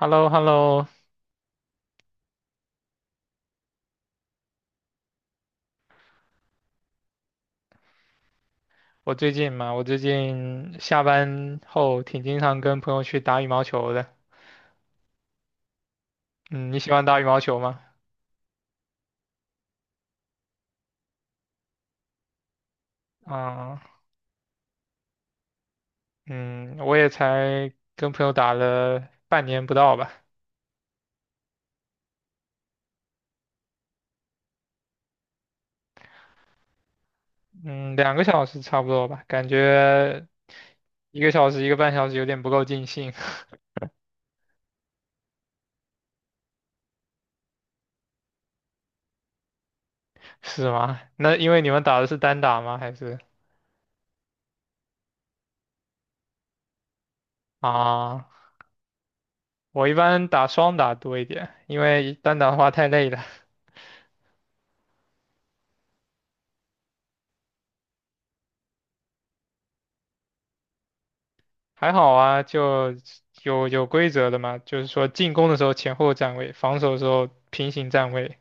h e l l o h e l l o 我最近下班后挺经常跟朋友去打羽毛球的。嗯，你喜欢打羽毛球吗？啊，嗯，我也才跟朋友打了半年不到吧。嗯，两个小时差不多吧，感觉1个小时1个半小时有点不够尽兴。是吗？那因为你们打的是单打吗？还是啊？我一般打双打多一点，因为单打的话太累了。还好啊，就有规则的嘛，就是说进攻的时候前后站位，防守的时候平行站位，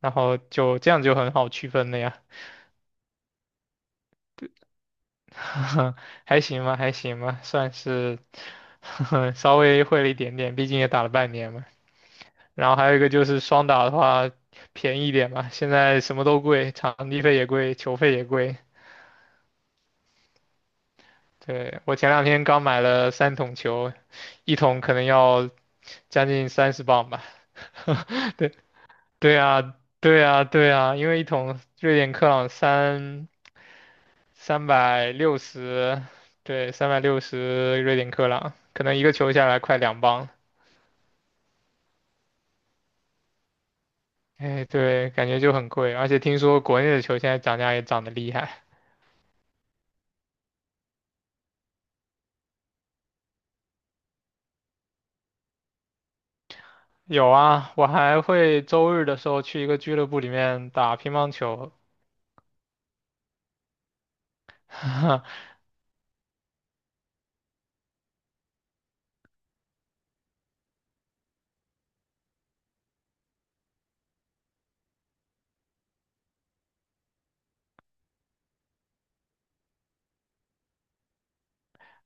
然后就这样就很好区分了呀。还行吧，还行吧，算是 稍微会了一点点，毕竟也打了半年嘛。然后还有一个就是双打的话便宜一点嘛，现在什么都贵，场地费也贵，球费也贵。对，我前两天刚买了3桶球，一桶可能要将近30磅吧。对啊，对啊，对啊，因为一桶瑞典克朗三百六十，对，三百六十瑞典克朗，可能一个球下来快2磅。哎，对，感觉就很贵，而且听说国内的球现在涨价也涨得厉害。有啊，我还会周日的时候去一个俱乐部里面打乒乓球。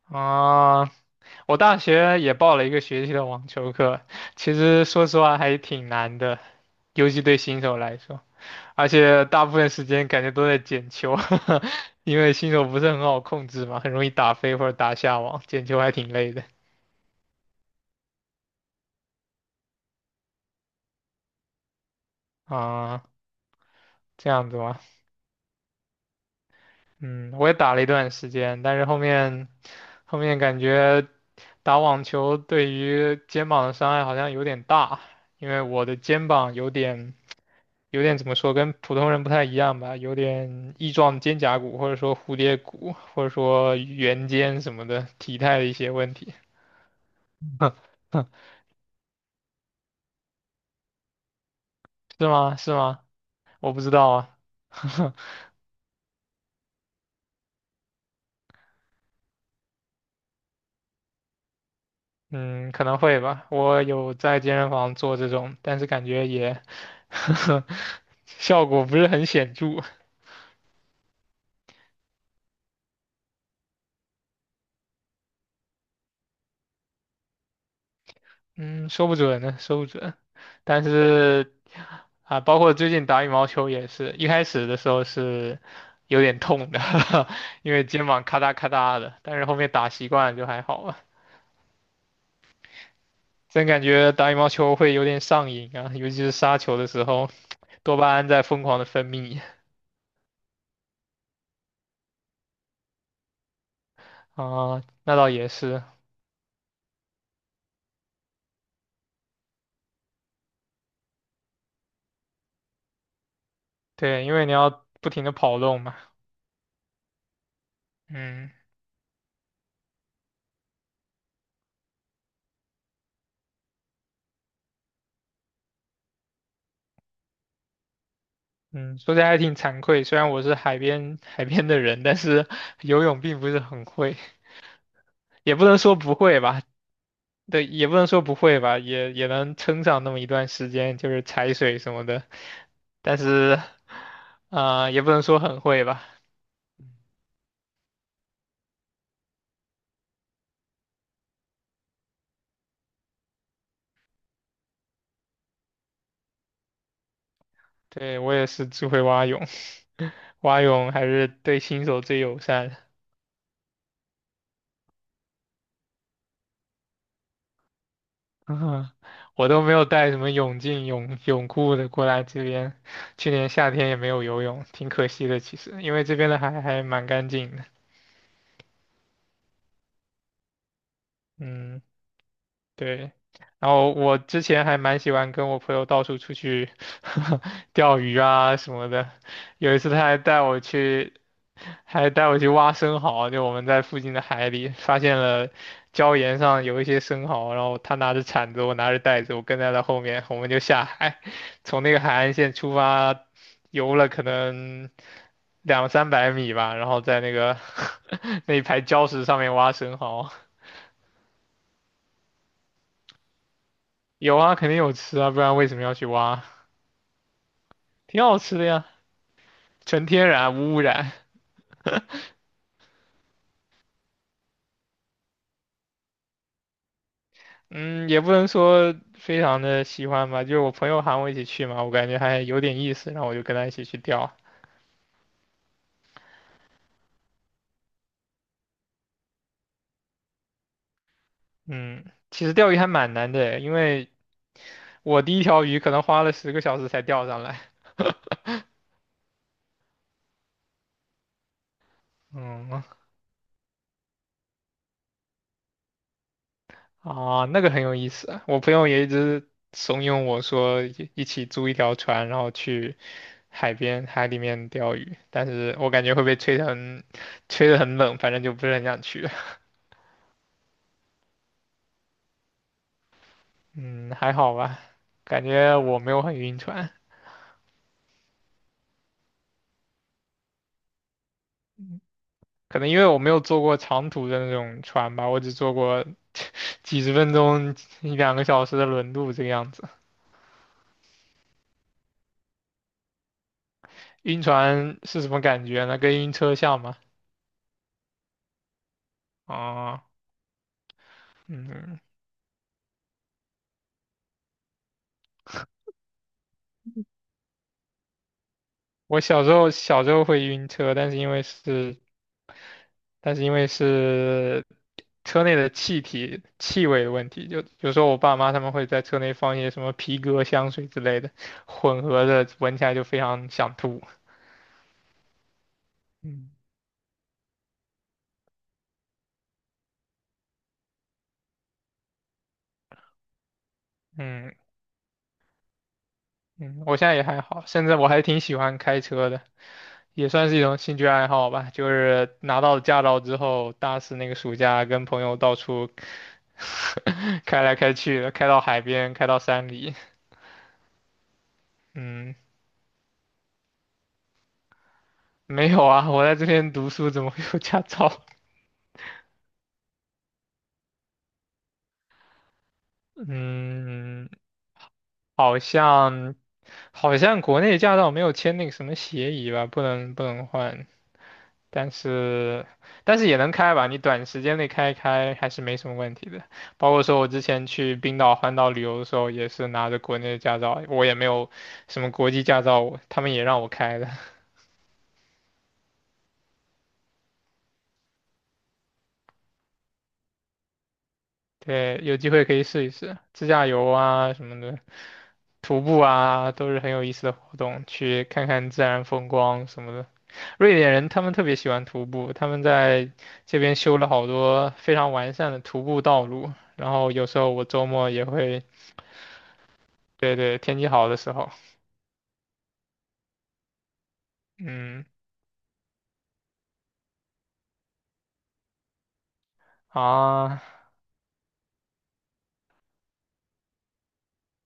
啊，我大学也报了1个学期的网球课，其实说实话还挺难的，尤其对新手来说。而且大部分时间感觉都在捡球，因为新手不是很好控制嘛，很容易打飞或者打下网，捡球还挺累的。啊，这样子吗？嗯，我也打了一段时间，但是后面感觉打网球对于肩膀的伤害好像有点大，因为我的肩膀有点怎么说，跟普通人不太一样吧，有点翼状肩胛骨或者说蝴蝶骨或者说圆肩什么的体态的一些问题。是吗？是吗？我不知道啊。嗯，可能会吧。我有在健身房做这种，但是感觉也 效果不是很显著。嗯，说不准呢，说不准。但是啊，包括最近打羽毛球也是，一开始的时候是有点痛的。因为肩膀咔嗒咔嗒的，但是后面打习惯了就还好了。真感觉打羽毛球会有点上瘾啊，尤其是杀球的时候，多巴胺在疯狂的分泌。啊，那倒也是。对，因为你要不停的跑动嘛。嗯。嗯，说起来还挺惭愧，虽然我是海边的人，但是 游泳并不是很会，也不能说不会吧。对，也不能说不会吧，也也能撑上那么一段时间，就是踩水什么的。但是，啊、也不能说很会吧。对，我也是只会蛙泳。蛙泳还是对新手最友善。嗯，我都没有带什么泳镜、泳裤的过来这边，去年夏天也没有游泳，挺可惜的。其实，因为这边的海还蛮干净的。嗯。对，然后我之前还蛮喜欢跟我朋友到处出去 钓鱼啊什么的。有一次他还带我去，还带我去挖生蚝，就我们在附近的海里发现了礁岩上有一些生蚝，然后他拿着铲子，我拿着袋子，我跟在他后面，我们就下海，从那个海岸线出发，游了可能两三百米吧，然后在那个 那一排礁石上面挖生蚝。有啊，肯定有吃啊，不然为什么要去挖？挺好吃的呀，纯天然无污染。嗯，也不能说非常的喜欢吧，就是我朋友喊我一起去嘛，我感觉还有点意思，然后我就跟他一起去钓。嗯，其实钓鱼还蛮难的，因为我第一条鱼可能花了10个小时才钓上来。嗯，啊，那个很有意思啊，我朋友也一直怂恿我说一起租一条船，然后去海边海里面钓鱼，但是我感觉会被吹得很冷，反正就不是很想去。嗯，还好吧，感觉我没有很晕船。嗯，可能因为我没有坐过长途的那种船吧，我只坐过 几十分钟、一两个小时的轮渡这个样子。晕船是什么感觉呢？跟晕车像吗？啊，嗯，我小时候会晕车，但是因为是车内的气体气味的问题，就有时候我爸妈他们会在车内放一些什么皮革香水之类的，混合着闻起来就非常想吐。嗯。嗯嗯，我现在也还好，甚至我还挺喜欢开车的，也算是一种兴趣爱好吧。就是拿到了驾照之后，大四那个暑假跟朋友到处 开来开去的，开到海边，开到山里。嗯，没有啊，我在这边读书怎么会有驾照？嗯，好像好像国内驾照没有签那个什么协议吧，不能换。但是但是也能开吧，你短时间内开一开还是没什么问题的。包括说我之前去冰岛环岛旅游的时候，也是拿着国内的驾照，我也没有什么国际驾照，我他们也让我开的。对，有机会可以试一试自驾游啊什么的，徒步啊都是很有意思的活动，去看看自然风光什么的。瑞典人他们特别喜欢徒步，他们在这边修了好多非常完善的徒步道路，然后有时候我周末也会对对，天气好的时候。嗯。啊，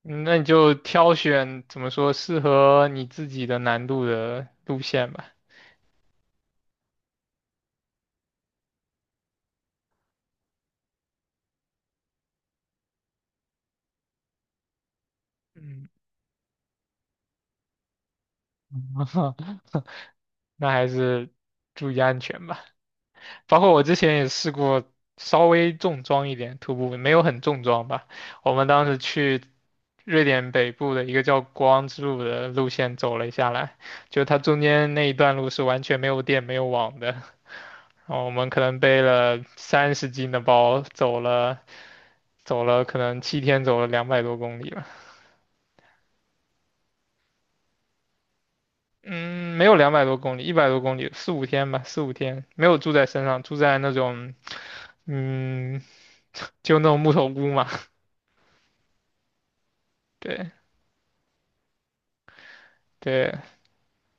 嗯那你就挑选怎么说适合你自己的难度的路线吧。嗯，那还是注意安全吧。包括我之前也试过稍微重装一点徒步，没有很重装吧。我们当时去瑞典北部的一个叫国王之路的路线走了下来，就它中间那一段路是完全没有电、没有网的。然后我们可能背了30斤的包，走了可能7天，走了两百多公里吧。嗯，没有两百多公里，100多公里，四五天吧，四五天，没有住在山上，住在那种嗯，就那种木头屋嘛。对对，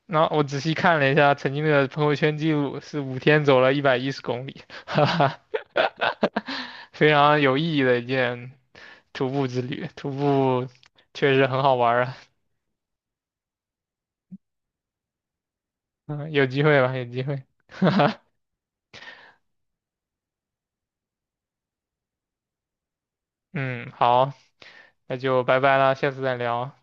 然后我仔细看了一下曾经的朋友圈记录，是五天走了110公里，哈哈，非常有意义的一件徒步之旅。徒步确实很好玩啊，嗯，有机会吧，有机会，哈哈，嗯，好，那就拜拜了，下次再聊。